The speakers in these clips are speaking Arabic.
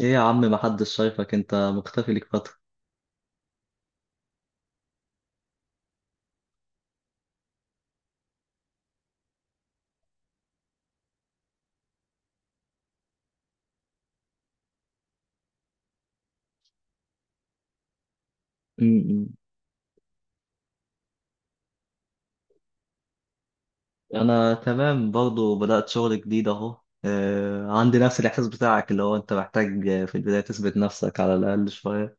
ايه يا عم محدش شايفك، انت مختفي ليك فترة. م-م. انا تمام برضو، بدأت شغل جديد اهو. عندي نفس الاحساس بتاعك، اللي هو انت محتاج في البداية تثبت نفسك على الاقل شوية.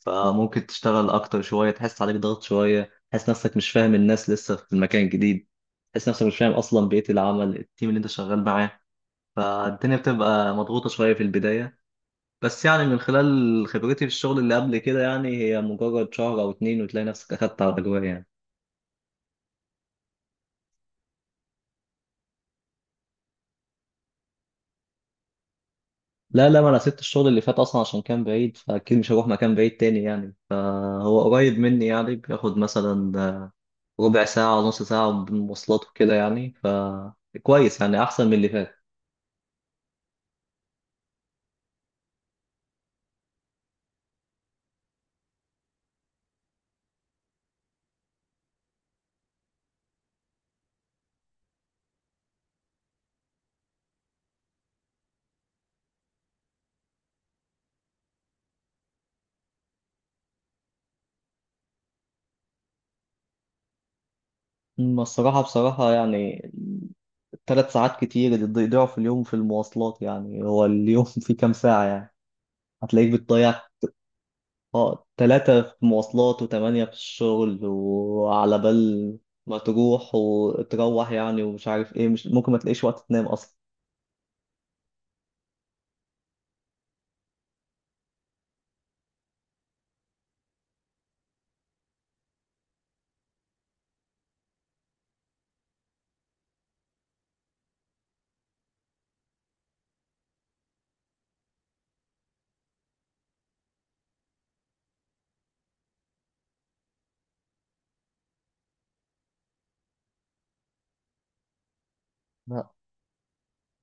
فممكن تشتغل اكتر شوية، تحس عليك ضغط شوية، تحس نفسك مش فاهم الناس لسه في المكان الجديد، تحس نفسك مش فاهم اصلا بيئة العمل، التيم اللي انت شغال معاه. فالدنيا بتبقى مضغوطة شوية في البداية. بس يعني من خلال خبرتي في الشغل اللي قبل كده، يعني هي مجرد شهر او اتنين وتلاقي نفسك اخدت على الاجواء يعني. لا لا، ما انا سبت الشغل اللي فات اصلا عشان كان بعيد، فاكيد مش هروح مكان بعيد تاني يعني. فهو قريب مني، يعني بياخد مثلا ربع ساعة نص ساعة بالمواصلات وكده يعني. فكويس يعني، احسن من اللي فات. أما الصراحة بصراحة يعني، 3 ساعات كتير اللي بيضيعوا في اليوم في المواصلات، يعني هو اليوم فيه كام ساعة يعني؟ هتلاقيك بتضيع. اه 3 في مواصلات وثمانية في الشغل، وعلى بال ما تروح وتروح يعني، ومش عارف ايه، مش ممكن ما تلاقيش وقت تنام اصلا.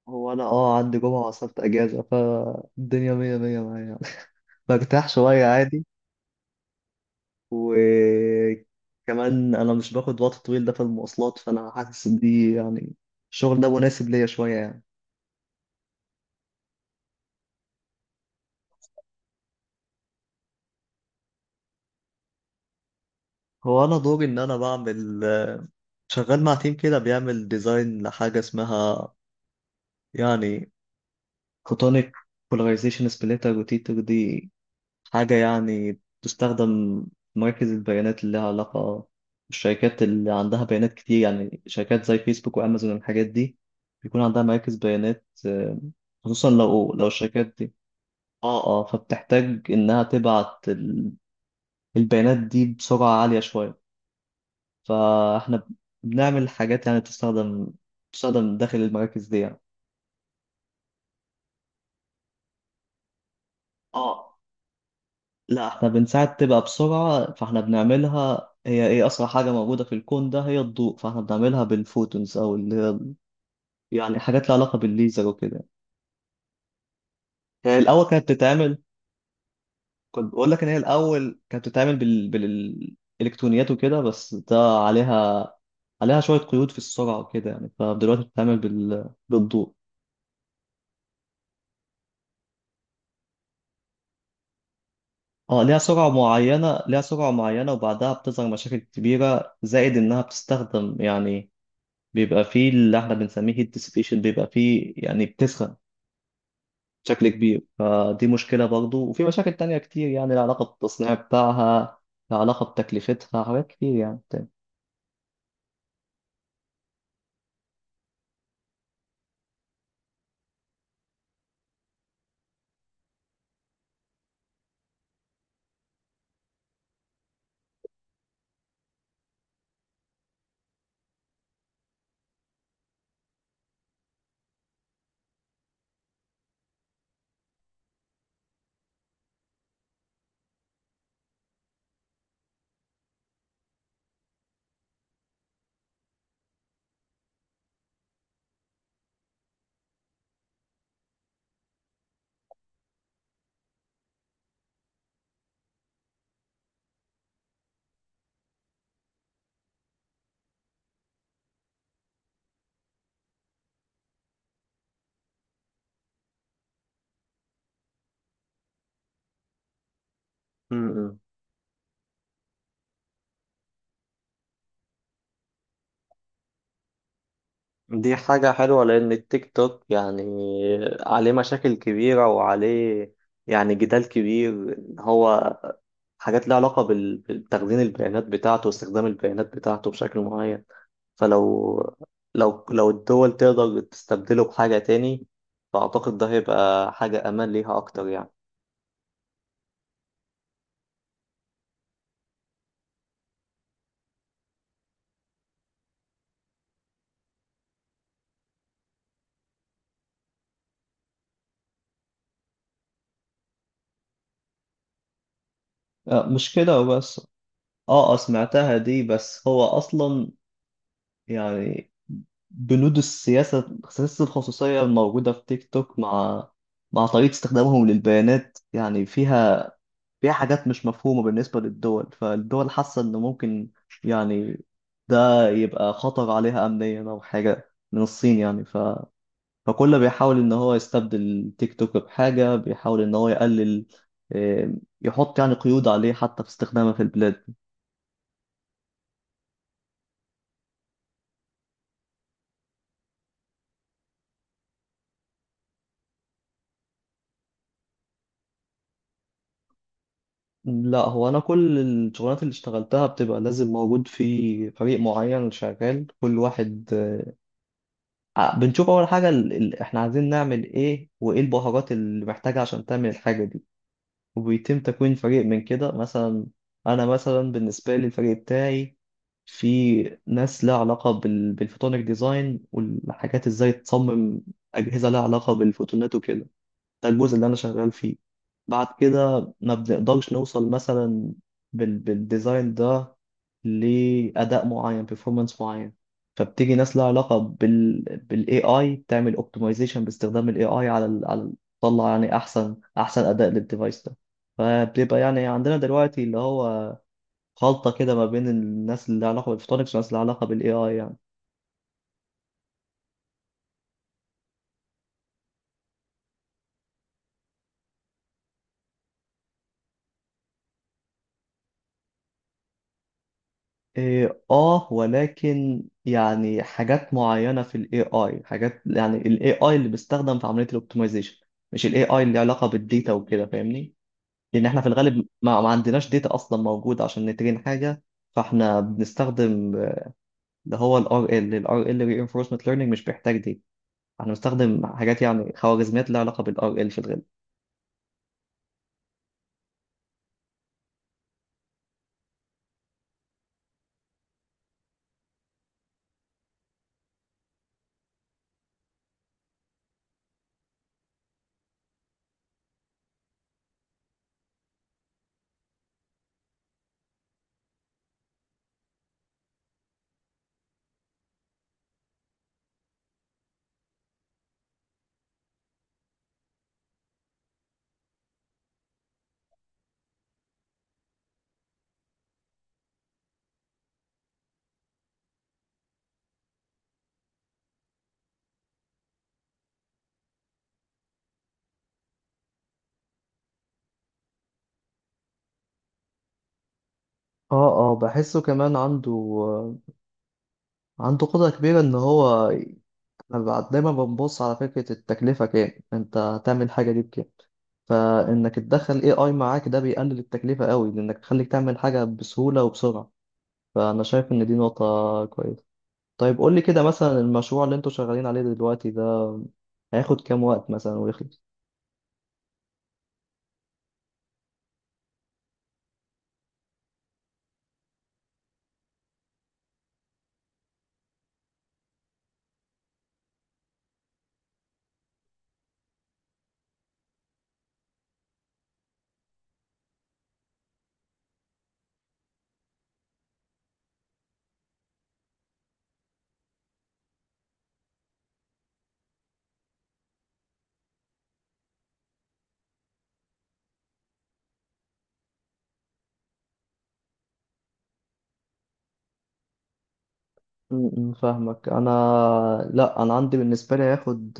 هو انا اه عندي جمعة وسبت اجازة، فالدنيا مية مية معايا يعني. برتاح شوية عادي. وكمان انا مش باخد وقت طويل ده في المواصلات، فانا حاسس ان دي يعني الشغل ده مناسب ليا شوية يعني. هو انا دوري ان انا بعمل، شغال مع تيم كده بيعمل ديزاين لحاجة اسمها يعني فوتونيك بولاريزيشن سبليتر روتيتر. دي حاجة يعني تستخدم في مراكز البيانات اللي لها علاقة بالشركات اللي عندها بيانات كتير، يعني شركات زي فيسبوك وأمازون والحاجات دي، بيكون عندها مراكز بيانات. خصوصا لو الشركات دي، اه اه، فبتحتاج إنها تبعت البيانات دي بسرعة عالية شوية. فاحنا بنعمل حاجات يعني تستخدم داخل المراكز دي يعني. اه لا، احنا بنساعد تبقى بسرعة، فاحنا بنعملها، هي ايه أسرع حاجة موجودة في الكون ده؟ هي الضوء. فاحنا بنعملها بالفوتونز، أو اللي هي يعني حاجات لها علاقة بالليزر وكده. هي الأول كانت بتتعمل، كنت بقول لك إن هي الأول كانت بتتعمل بالإلكترونيات وكده، بس ده عليها عليها شوية قيود في السرعة وكده يعني، فدلوقتي بتتعمل بالضوء. اه ليها سرعة معينة، ليها سرعة معينة وبعدها بتظهر مشاكل كبيرة. زائد إنها بتستخدم يعني، بيبقى فيه اللي احنا بنسميه هيت ديسيبيشن، بيبقى فيه يعني بتسخن بشكل كبير، فدي مشكلة برضو. وفي مشاكل تانية كتير يعني، العلاقة بالتصنيع بتاعها، العلاقة بتكلفتها، حاجات كتير يعني تاني. م-م. دي حاجة حلوة، لأن التيك توك يعني عليه مشاكل كبيرة، وعليه يعني جدال كبير إن هو حاجات لها علاقة بتخزين البيانات بتاعته واستخدام البيانات بتاعته بشكل معين. فلو لو الدول تقدر تستبدله بحاجة تاني، فأعتقد ده هيبقى حاجة أمان ليها أكتر يعني. مش كده وبس. اه سمعتها دي، بس هو اصلا يعني بنود السياسة، سياسة الخصوصية الموجودة في تيك توك، مع طريقة استخدامهم للبيانات، يعني فيها حاجات مش مفهومة بالنسبة للدول. فالدول حاسة إن ممكن يعني ده يبقى خطر عليها أمنيا، أو حاجة من الصين يعني. فكله بيحاول ان هو يستبدل تيك توك بحاجة، بيحاول ان هو يقلل آه، يحط يعني قيود عليه حتى في استخدامه في البلاد. لا هو انا كل الشغلات اللي اشتغلتها بتبقى لازم موجود في فريق معين، شغال كل واحد. بنشوف اول حاجة احنا عايزين نعمل ايه، وايه البهارات اللي محتاجة عشان تعمل الحاجة دي، وبيتم تكوين فريق من كده مثلا. أنا مثلا بالنسبة لي الفريق بتاعي، في ناس لها علاقة بالفوتونيك ديزاين والحاجات، ازاي تصمم أجهزة لها علاقة بالفوتونات وكده. ده الجزء اللي انا شغال فيه. بعد كده ما بنقدرش نوصل مثلا بالديزاين ده لأداء معين، performance معين، فبتيجي ناس لها علاقة بال بالاي اي، تعمل optimization باستخدام الاي اي على على تطلع يعني احسن اداء للديفايس ده. فبيبقى يعني عندنا دلوقتي اللي هو خلطة كده ما بين الناس اللي لها علاقة بالفوتونكس والناس اللي لها علاقة بالاي اي يعني. إيه، آه ولكن يعني حاجات معينة في ال AI، حاجات يعني ال AI اللي بيستخدم في عملية الاوبتمايزيشن، مش ال AI اللي علاقة بالديتا وكده، فاهمني؟ لأن احنا في الغالب ما عندناش ديتا أصلا موجودة عشان نترين حاجة. فاحنا بنستخدم اللي هو الار ال RL ال RL Reinforcement Learning، مش بيحتاج ديتا. احنا بنستخدم حاجات يعني خوارزميات لها علاقة بال RL في الغالب. اه اه بحسه كمان عنده قدرة كبيرة إن هو، دايما بنبص على فكرة التكلفة، كام انت هتعمل حاجة دي بكام. فانك تدخل AI معاك ده بيقلل التكلفة قوي، لانك تخليك تعمل حاجة بسهولة وبسرعة. فانا شايف ان دي نقطة كويسة. طيب قول لي كده، مثلا المشروع اللي انتوا شغالين عليه دلوقتي ده هياخد كام وقت مثلا ويخلص؟ م- م، فاهمك انا. لا انا عندي بالنسبة لي هياخد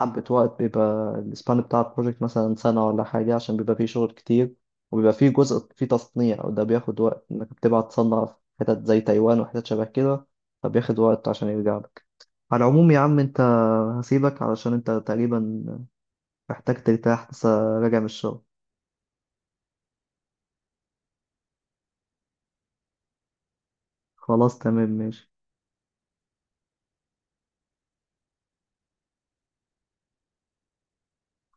حبة وقت، بيبقى السبان بتاع البروجكت مثلا سنة ولا حاجة، عشان بيبقى فيه شغل كتير، وبيبقى فيه جزء فيه تصنيع وده بياخد وقت، إنك بتبعت تصنع في حتت زي تايوان وحتت شبه كده، فبياخد وقت عشان يرجع لك. على العموم يا عم أنت، هسيبك علشان أنت تقريبا محتاج ترتاح، لسه راجع من الشغل. خلاص تمام ماشي.